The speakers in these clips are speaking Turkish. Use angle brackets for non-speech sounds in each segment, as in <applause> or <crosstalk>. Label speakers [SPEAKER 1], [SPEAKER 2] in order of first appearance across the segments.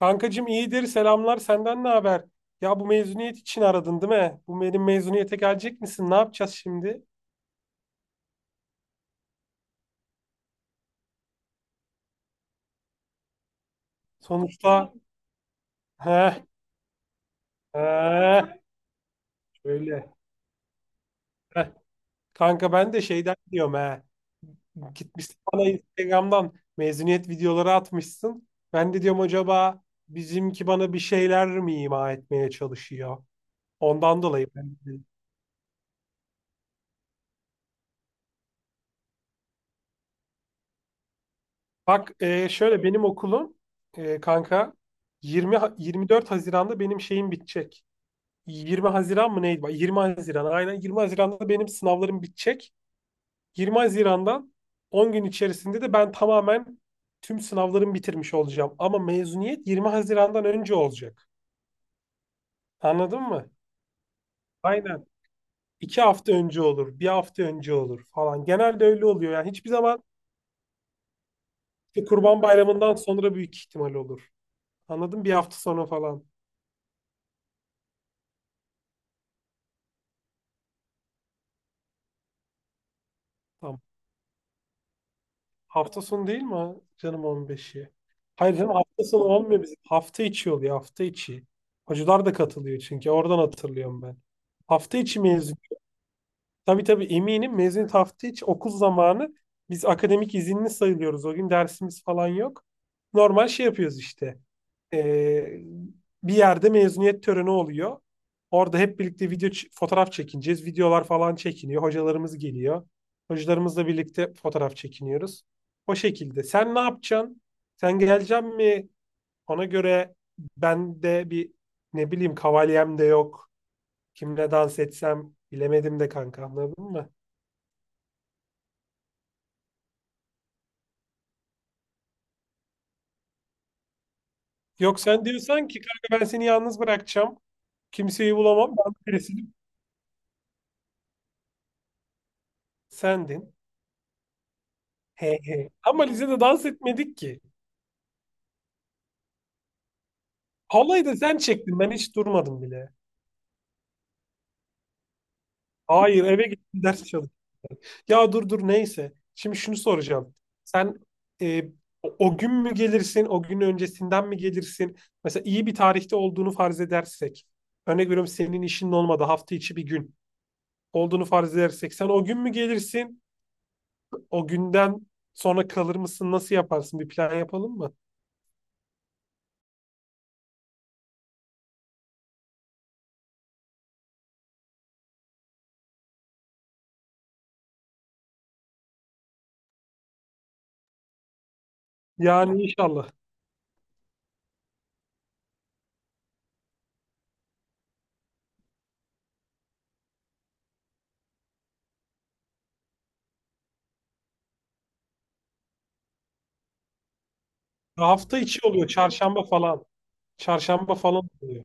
[SPEAKER 1] Kankacım iyidir, selamlar. Senden ne haber? Ya bu mezuniyet için aradın, değil mi? Bu benim mezuniyete gelecek misin? Ne yapacağız şimdi? Sonuçta. He, he. Şöyle. Heh. Kanka ben de şeyden diyorum, he. Gitmişsin bana Instagram'dan mezuniyet videoları atmışsın. Ben de diyorum acaba bizimki bana bir şeyler mi ima etmeye çalışıyor? Ondan dolayı ben de. Bak, şöyle benim okulum, kanka, 20 24 Haziran'da benim şeyim bitecek. 20 Haziran mı neydi? Bak, 20 Haziran, aynen, 20 Haziran'da benim sınavlarım bitecek. 20 Haziran'dan 10 gün içerisinde de ben tamamen tüm sınavlarımı bitirmiş olacağım. Ama mezuniyet 20 Haziran'dan önce olacak. Anladın mı? Aynen. İki hafta önce olur, bir hafta önce olur falan. Genelde öyle oluyor. Yani hiçbir zaman işte Kurban Bayramı'ndan sonra büyük ihtimal olur. Anladın mı? Bir hafta sonra falan. Tamam. Hafta sonu değil mi, ha? Canım, 15'i? Hayır canım, hafta sonu olmuyor bizim. Hafta içi oluyor, hafta içi. Hocalar da katılıyor çünkü, oradan hatırlıyorum ben. Hafta içi mezun. Tabii tabii eminim, mezuniyet hafta içi, okul zamanı. Biz akademik izinli sayılıyoruz. O gün dersimiz falan yok. Normal şey yapıyoruz işte. Ee, Bir yerde mezuniyet töreni oluyor. Orada hep birlikte video fotoğraf çekineceğiz. Videolar falan çekiniyor. Hocalarımız geliyor. Hocalarımızla birlikte fotoğraf çekiniyoruz. O şekilde. Sen ne yapacaksın? Sen geleceksin mi? Ona göre ben de bir, ne bileyim, kavalyem de yok. Kimle dans etsem bilemedim de, kanka, anladın mı? Yok, sen diyorsan ki kanka ben seni yalnız bırakacağım. Kimseyi bulamam. Ben birisiyim. Sendin. He he. Ama lisede dans etmedik ki. Halayı da sen çektin. Ben hiç durmadım bile. Hayır, eve gittim, ders çalıştım. Ya dur dur, neyse. Şimdi şunu soracağım. Sen, e, o gün mü gelirsin? O gün öncesinden mi gelirsin? Mesela iyi bir tarihte olduğunu farz edersek. Örnek veriyorum, senin işinin olmadı. Hafta içi bir gün olduğunu farz edersek. Sen o gün mü gelirsin? O günden sonra kalır mısın? Nasıl yaparsın? Bir plan yapalım mı? Yani inşallah. Hafta içi oluyor. Çarşamba falan. Çarşamba falan oluyor.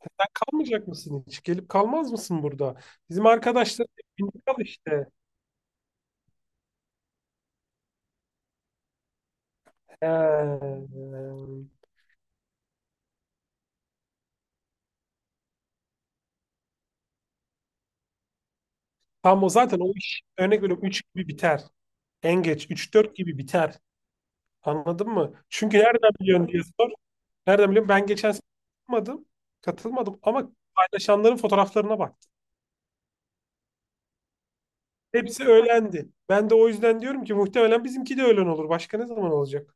[SPEAKER 1] Sen kalmayacak mısın hiç? Gelip kalmaz mısın burada? Bizim arkadaşlar hepsini kal işte. Ee, Tam o zaten, o iş, örnek veriyorum, 3 gibi biter. En geç üç dört gibi biter. Anladın mı? Çünkü nereden biliyorsun diye sor. Nereden biliyorum? Ben geçen sene katılmadım. Katılmadım ama paylaşanların fotoğraflarına baktım. Hepsi öğlendi. Ben de o yüzden diyorum ki muhtemelen bizimki de öğlen olur. Başka ne zaman olacak?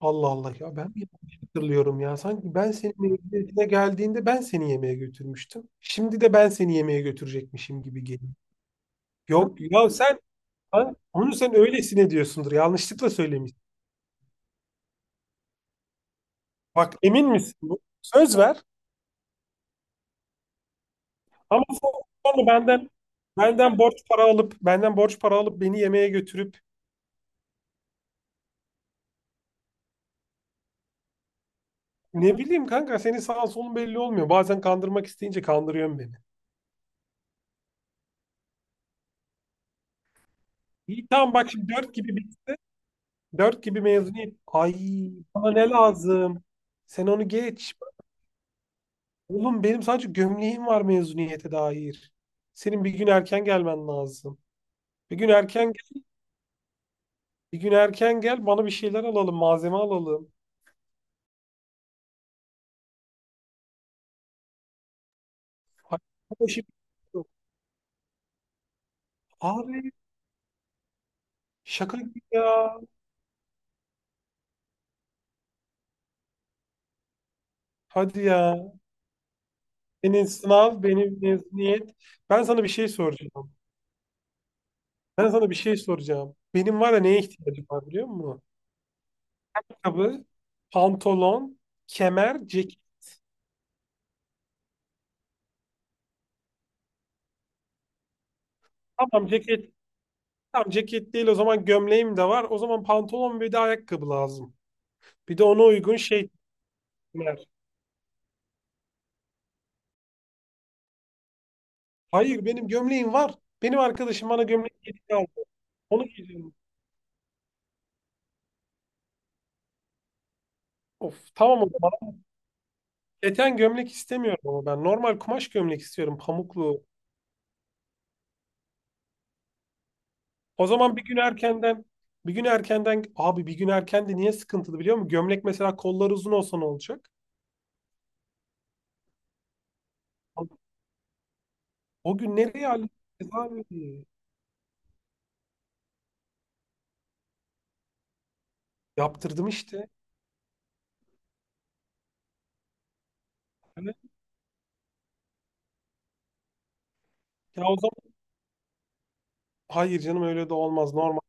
[SPEAKER 1] Allah Allah, ya ben mi yanlış hatırlıyorum ya? Sanki ben seni mezuniyetine geldiğinde ben seni yemeğe götürmüştüm. Şimdi de ben seni yemeğe götürecekmişim gibi geliyor. Yok ya, sen, ha, onu sen öylesine diyorsundur. Yanlışlıkla söylemişsin. Bak, emin misin bu? Söz ver, ama sonra benden borç para alıp beni yemeğe götürüp, ne bileyim, kanka, senin sağın solun belli olmuyor. Bazen kandırmak isteyince kandırıyorsun beni. İyi tamam, bak, şimdi dört gibi mezuniyet. Ay, bana ne lazım? Sen onu geç. Oğlum, benim sadece gömleğim var mezuniyete dair. Senin bir gün erken gelmen lazım. Bir gün erken gel, bir gün erken gel, bana bir şeyler alalım, malzeme alalım. Ay, bu işi- Abi, şaka gibi ya. Hadi ya. Senin sınav, benim mezuniyet. Ben sana bir şey soracağım. Benim, var ya, neye ihtiyacım var biliyor musun? Ayakkabı, pantolon, kemer, ceket. Tamam ceket Tamam, ceket değil o zaman, gömleğim de var. O zaman pantolon ve de ayakkabı lazım. Bir de ona uygun şey var. Hayır, benim gömleğim var. Benim arkadaşım bana gömlek hediye aldı. Onu giyeceğim. Of, tamam o zaman. Keten gömlek istemiyorum ama ben. Normal kumaş gömlek istiyorum, pamuklu. O zaman bir gün erkenden, abi, bir gün erken de niye sıkıntılı biliyor musun? Gömlek, mesela, kolları uzun olsa ne olacak? O gün nereye halledeceğiz, abi? Yaptırdım işte. Yani, ya o zaman, hayır canım, öyle de olmaz. Normal.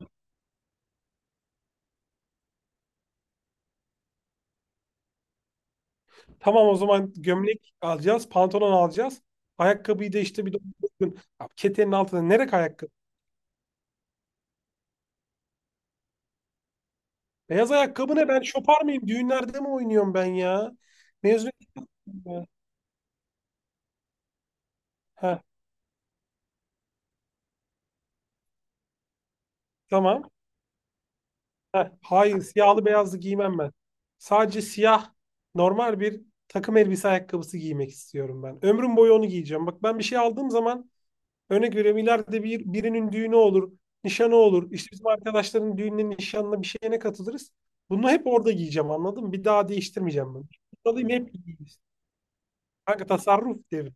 [SPEAKER 1] Tamam o zaman, gömlek alacağız, pantolon alacağız. Ayakkabıyı da, işte, bir de, ya ketenin altında nereye ayakkabı? Beyaz ayakkabı ne, ben şopar mıyım? Düğünlerde mi oynuyorum ben ya? Mezuniyetim ben. Heh, tamam. Heh, hayır siyahlı beyazlı giymem ben. Sadece siyah, normal bir takım elbise ayakkabısı giymek istiyorum ben. Ömrüm boyu onu giyeceğim. Bak, ben bir şey aldığım zaman, örnek veriyorum, ileride bir, birinin düğünü olur, nişanı olur. İşte bizim arkadaşların düğününe, nişanına, bir şeyine katılırız. Bunu hep orada giyeceğim, anladın mı? Bir daha değiştirmeyeceğim ben. Alayım, hep giyeceğiz. Kanka, tasarruf derim.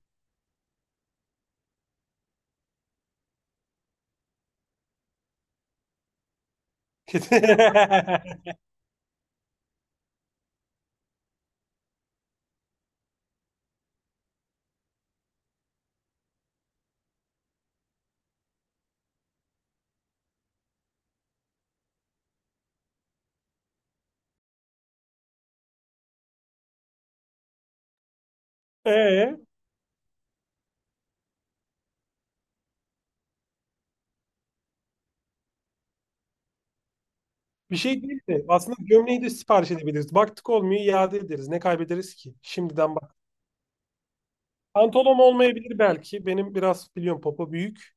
[SPEAKER 1] <laughs> Ee, Bir şey değil de, aslında, gömleği de sipariş edebiliriz. Baktık olmuyor, iade ederiz. Ne kaybederiz ki? Şimdiden bak. Pantolon olmayabilir belki. Benim biraz, biliyorum, popo büyük.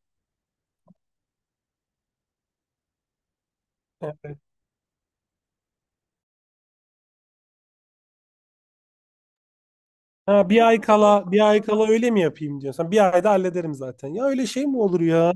[SPEAKER 1] Ha, bir ay kala öyle mi yapayım diyorsan. Bir ayda hallederim zaten. Ya öyle şey mi olur ya?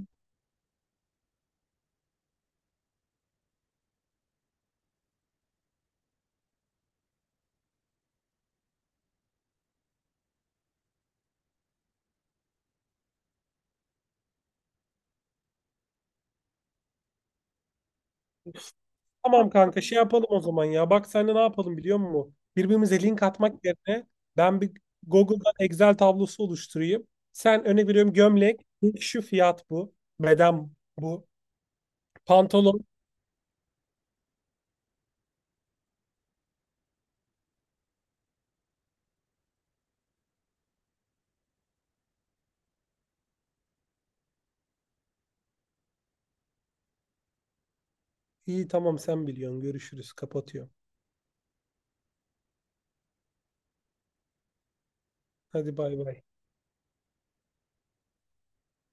[SPEAKER 1] Tamam kanka, şey yapalım o zaman ya. Bak, seninle ne yapalım biliyor musun? Birbirimize link atmak yerine ben bir Google'dan Excel tablosu oluşturayım. Sen, öne veriyorum, gömlek. Şu fiyat bu. Beden bu. Pantolon. İyi tamam, sen biliyorsun. Görüşürüz. Kapatıyorum. Hadi, bay bay.